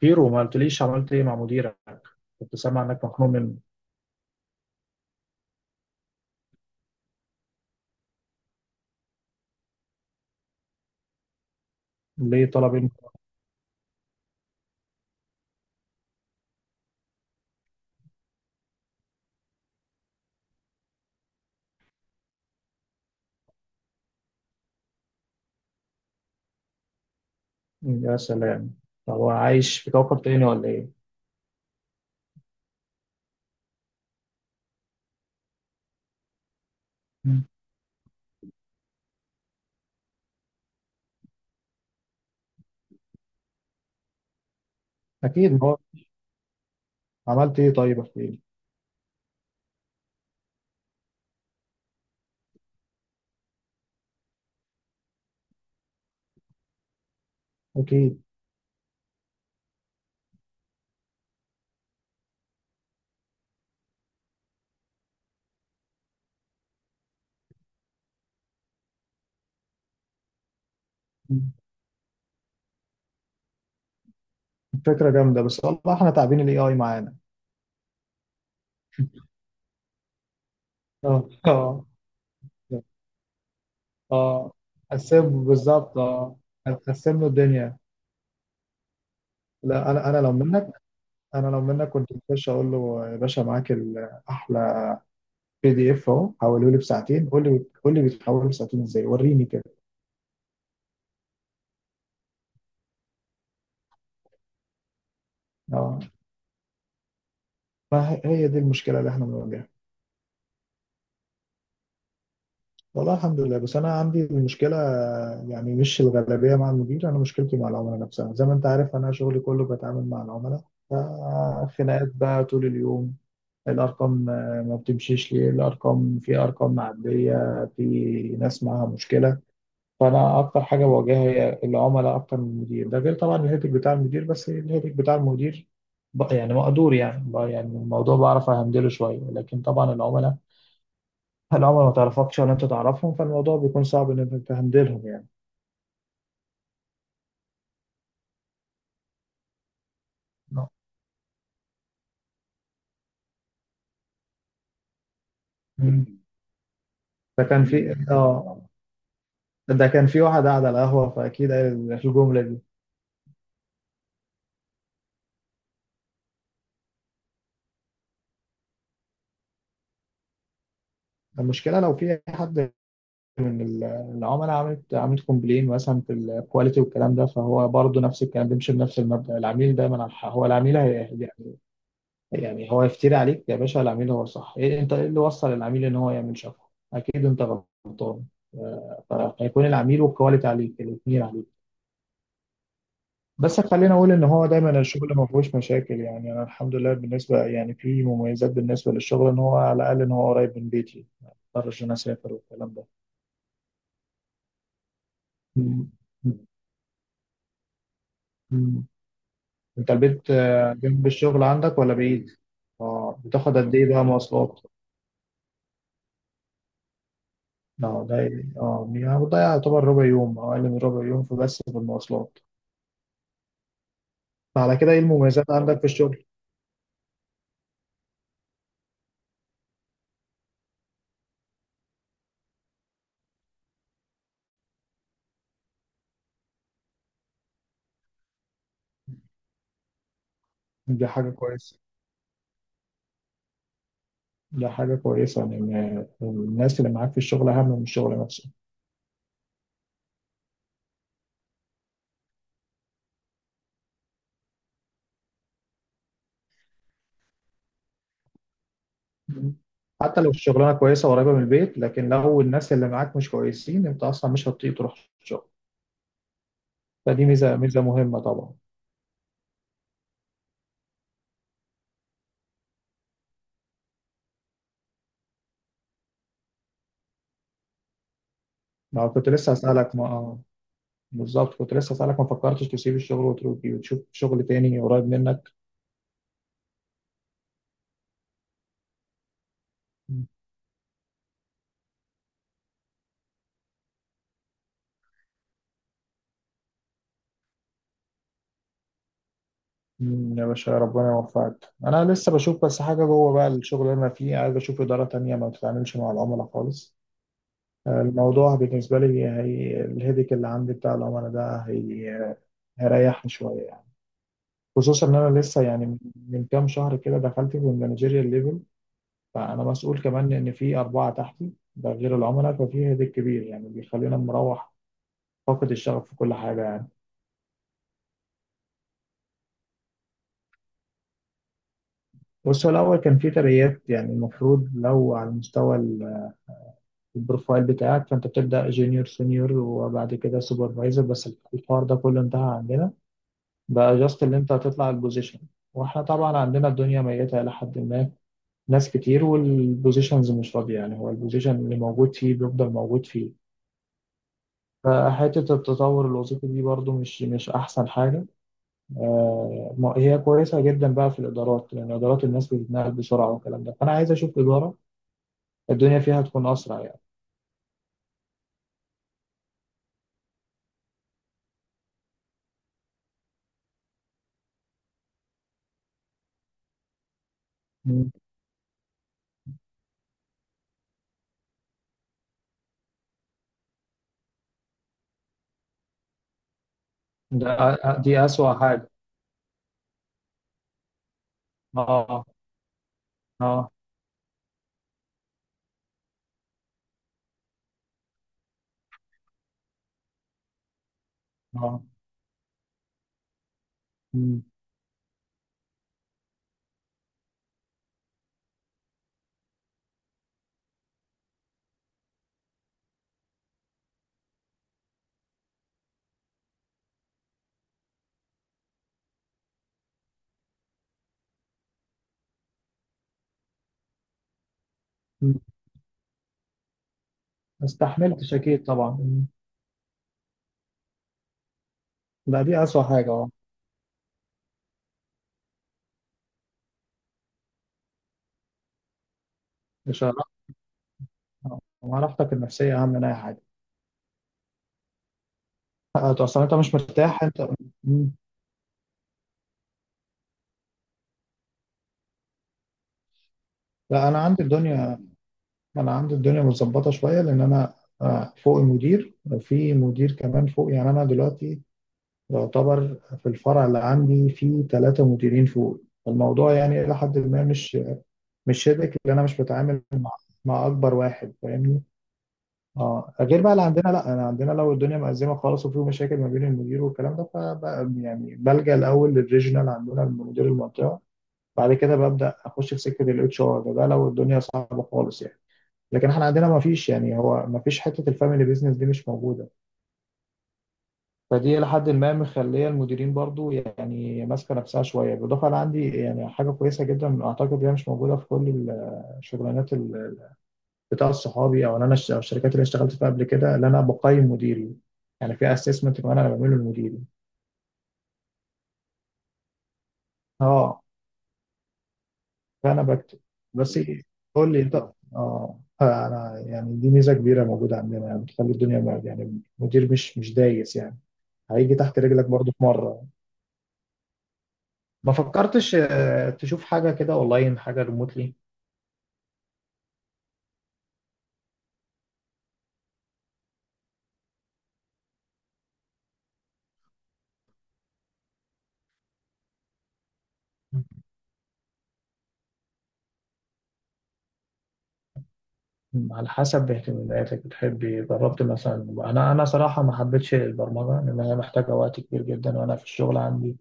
بيرو، ما قلتليش عملت ايه مع مديرك؟ كنت سامع انك مخنوق منه. ليه طلب ايه؟ يا سلام، طب هو عايش في كوكب تاني ولا ايه؟ مم. اكيد، ما هو عملت ايه؟ طيب احكي لي. اكيد. مم. فكره جامده، بس والله احنا تعبين الاي اي معانا. اه اه. اه، قسم بالظبط، اه. هتقسم له الدنيا. لا انا لو منك، انا لو منك كنت بخش اقول له يا باشا، معاك احلى بي دي اف اهو، حوله لي بساعتين. قول لي، قول لي بيتحول بساعتين ازاي، وريني كده. اه، ما هي هي دي المشكلة اللي احنا بنواجهها. والله الحمد لله، بس انا عندي المشكلة، يعني مش الغالبية مع المدير، انا مشكلتي مع العملاء نفسها. زي ما انت عارف، انا شغلي كله بتعامل مع العملاء، فخناقات بقى طول اليوم. الارقام آه، ما بتمشيش ليه الارقام، في ارقام معدية، في ناس معاها مشكلة. فانا اكتر حاجة بواجهها هي العملاء اكتر من المدير، ده غير طبعا الهيتك بتاع المدير، بس الهيتك بتاع المدير يعني مقدور، يعني يعني الموضوع بعرف اهندله شوية، لكن طبعا العملاء هل عمر ما تعرفكش ولا انت تعرفهم، فالموضوع بيكون صعب ان انت تهندلهم يعني. نعم. مم. ده كان في اه ده كان في واحد قاعد على القهوة فأكيد قال الجملة دي. المشكلة لو في حد من العملاء عملت كومبلين مثلا في الكواليتي والكلام ده، فهو برضه نفس الكلام، بيمشي بنفس المبدأ العميل دايما على الحق، هو العميل هي يعني. يعني هو يفتري عليك يا باشا، العميل هو صح، إيه انت ايه اللي وصل العميل ان هو يعمل شفا؟ اكيد انت غلط. آه، فهيكون العميل والكواليتي عليك، الاثنين عليك. بس خلينا اقول ان هو دايما الشغل ما فيهوش مشاكل يعني. انا الحمد لله بالنسبه، يعني في مميزات بالنسبه للشغل، ان هو على الاقل ان هو قريب من بيتي، ما اضطرش ان انا اسافر والكلام ده. مم. مم. انت البيت آه، جنب الشغل عندك ولا بعيد؟ اه، بتاخد قد ايه بقى مواصلات؟ اه ده، اه يعني بتضيع يعتبر ربع يوم او اقل من ربع يوم في، بس في المواصلات. فعلى كده ايه المميزات عندك في الشغل؟ دي حاجه كويسه، دي حاجه كويسه ان إن الناس اللي معاك في الشغل اهم من الشغل نفسه. مم. حتى لو الشغلانه كويسه وقريبه من البيت، لكن لو الناس اللي معاك مش كويسين انت اصلا مش هتطيق تروح الشغل. فدي ميزه، ميزه مهمه طبعا. ما كنت لسه هسالك ما آه، بالظبط، كنت لسه هسالك ما فكرتش تسيب الشغل وتروح وتشوف شغل تاني قريب منك؟ مم، يا باشا ربنا يوفقك. انا لسه بشوف، بس حاجه جوه بقى الشغل اللي انا فيه، عايز اشوف اداره تانية ما بتتعاملش مع العملاء خالص. آه، الموضوع بالنسبه لي هي الهيدك اللي عندي بتاع العملاء ده، هي هيريحني شويه. خصوصا ان انا لسه يعني من من كام شهر كده دخلت في المانجيريال ليفل، فانا مسؤول كمان ان في اربعه تحتي، ده غير العملاء، ففي هيدك كبير يعني، بيخلينا مروح فاقد الشغف في كل حاجه يعني. بص، هو الاول كان في ترقيات، يعني المفروض لو على مستوى البروفايل بتاعك، فانت بتبدا جونيور، سينيور، وبعد كده سوبرفايزر. بس الحوار ده كله انتهى عندنا، بقى جاست اللي انت هتطلع البوزيشن. واحنا طبعا عندنا الدنيا ميته الى حد ما، ناس كتير والبوزيشنز مش فاضية، يعني هو البوزيشن اللي موجود فيه بيفضل موجود فيه. فحتة التطور الوظيفي دي برضو مش أحسن حاجة. آه، ما- هي كويسة جدا بقى في الإدارات، لأن إدارات الناس بتتنقل بسرعة والكلام ده، فأنا عايز أشوف إدارة الدنيا فيها تكون أسرع يعني. مم. ده دي أسوأ حاجة. آه، آه، آه. مم. مم. ما استحملتش أكيد طبعا. مم. ده دي أسوأ حاجة، أه. مش راحتك النفسية أهم من أي حاجة؟ أصلا أنت مش مرتاح أنت. مم. لا انا عندي الدنيا انا عندي الدنيا متظبطه شويه، لان انا آه، فوق المدير في مدير كمان فوق، يعني انا دلوقتي يعتبر في الفرع اللي عندي في ثلاثه مديرين فوق. الموضوع يعني الى حد ما مش شبك، لان انا مش بتعامل مع اكبر واحد، فاهمني؟ اه، غير بقى اللي عندنا، لا انا عندنا لو الدنيا مأزمه خالص وفي مشاكل ما بين المدير والكلام ده، فبقى يعني بلجأ الاول للريجنال، عندنا مدير المنطقه، بعد كده ببدأ اخش في سكه الاتش ار، ده لو الدنيا صعبه خالص يعني. لكن احنا عندنا ما فيش، يعني هو ما فيش حته الفاميلي بيزنس دي مش موجوده، فدي الى حد ما مخليه المديرين برضو يعني ماسكه نفسها شويه. بالاضافه انا عندي يعني حاجه كويسه جدا، اعتقد هي مش موجوده في كل الشغلانات بتاع الصحابي، او إن انا أو الشركات اللي اشتغلت فيها قبل كده، اللي انا بقيم مديري، يعني في اسسمنت كمان انا بعمله لمديري. اه، فانا بكتب، بس إيه، قول لي. طب، اه، فانا يعني دي ميزه كبيره موجوده عندنا، يعني بتخلي الدنيا يعني المدير مش دايس يعني، هيجي تحت رجلك برضو في مره. ما فكرتش آه، تشوف حاجه كده اونلاين، حاجه ريموتلي؟ على حسب إيه اهتماماتك، بتحبي جربت مثلا؟ انا صراحه ما حبيتش البرمجه، لان هي محتاجه وقت كبير جدا، وانا في الشغل عندي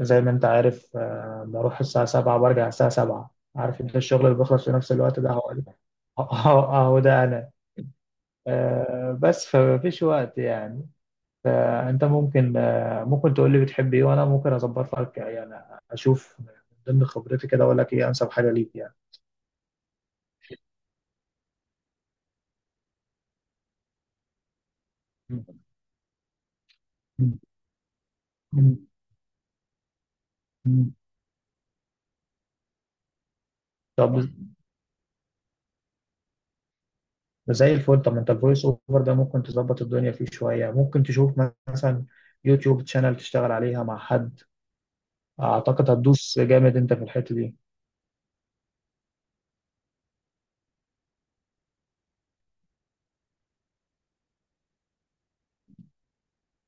زي ما انت عارف آه، بروح الساعه 7 وبرجع الساعه 7. عارف انت الشغل اللي بيخلص في نفس الوقت ده هو، اهو أهو ده انا. آه، بس فمفيش وقت يعني. فانت ممكن آه، ممكن تقول لي بتحب ايه، وانا ممكن اظبط لك يعني، اشوف من ضمن خبرتي كده اقول لك ايه انسب حاجه ليك يعني. مم. مم. مم. طب زي الفل. طب ما انت الفويس اوفر ده ممكن تظبط الدنيا فيه شوية، ممكن تشوف مثلا يوتيوب تشانل تشتغل عليها مع حد، اعتقد هتدوس جامد انت في الحتة دي.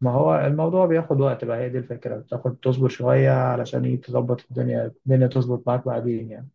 ما هو الموضوع بياخد وقت بقى، هي دي الفكرة، بتاخد تصبر شوية علشان تظبط الدنيا، الدنيا تظبط معاك بعدين يعني.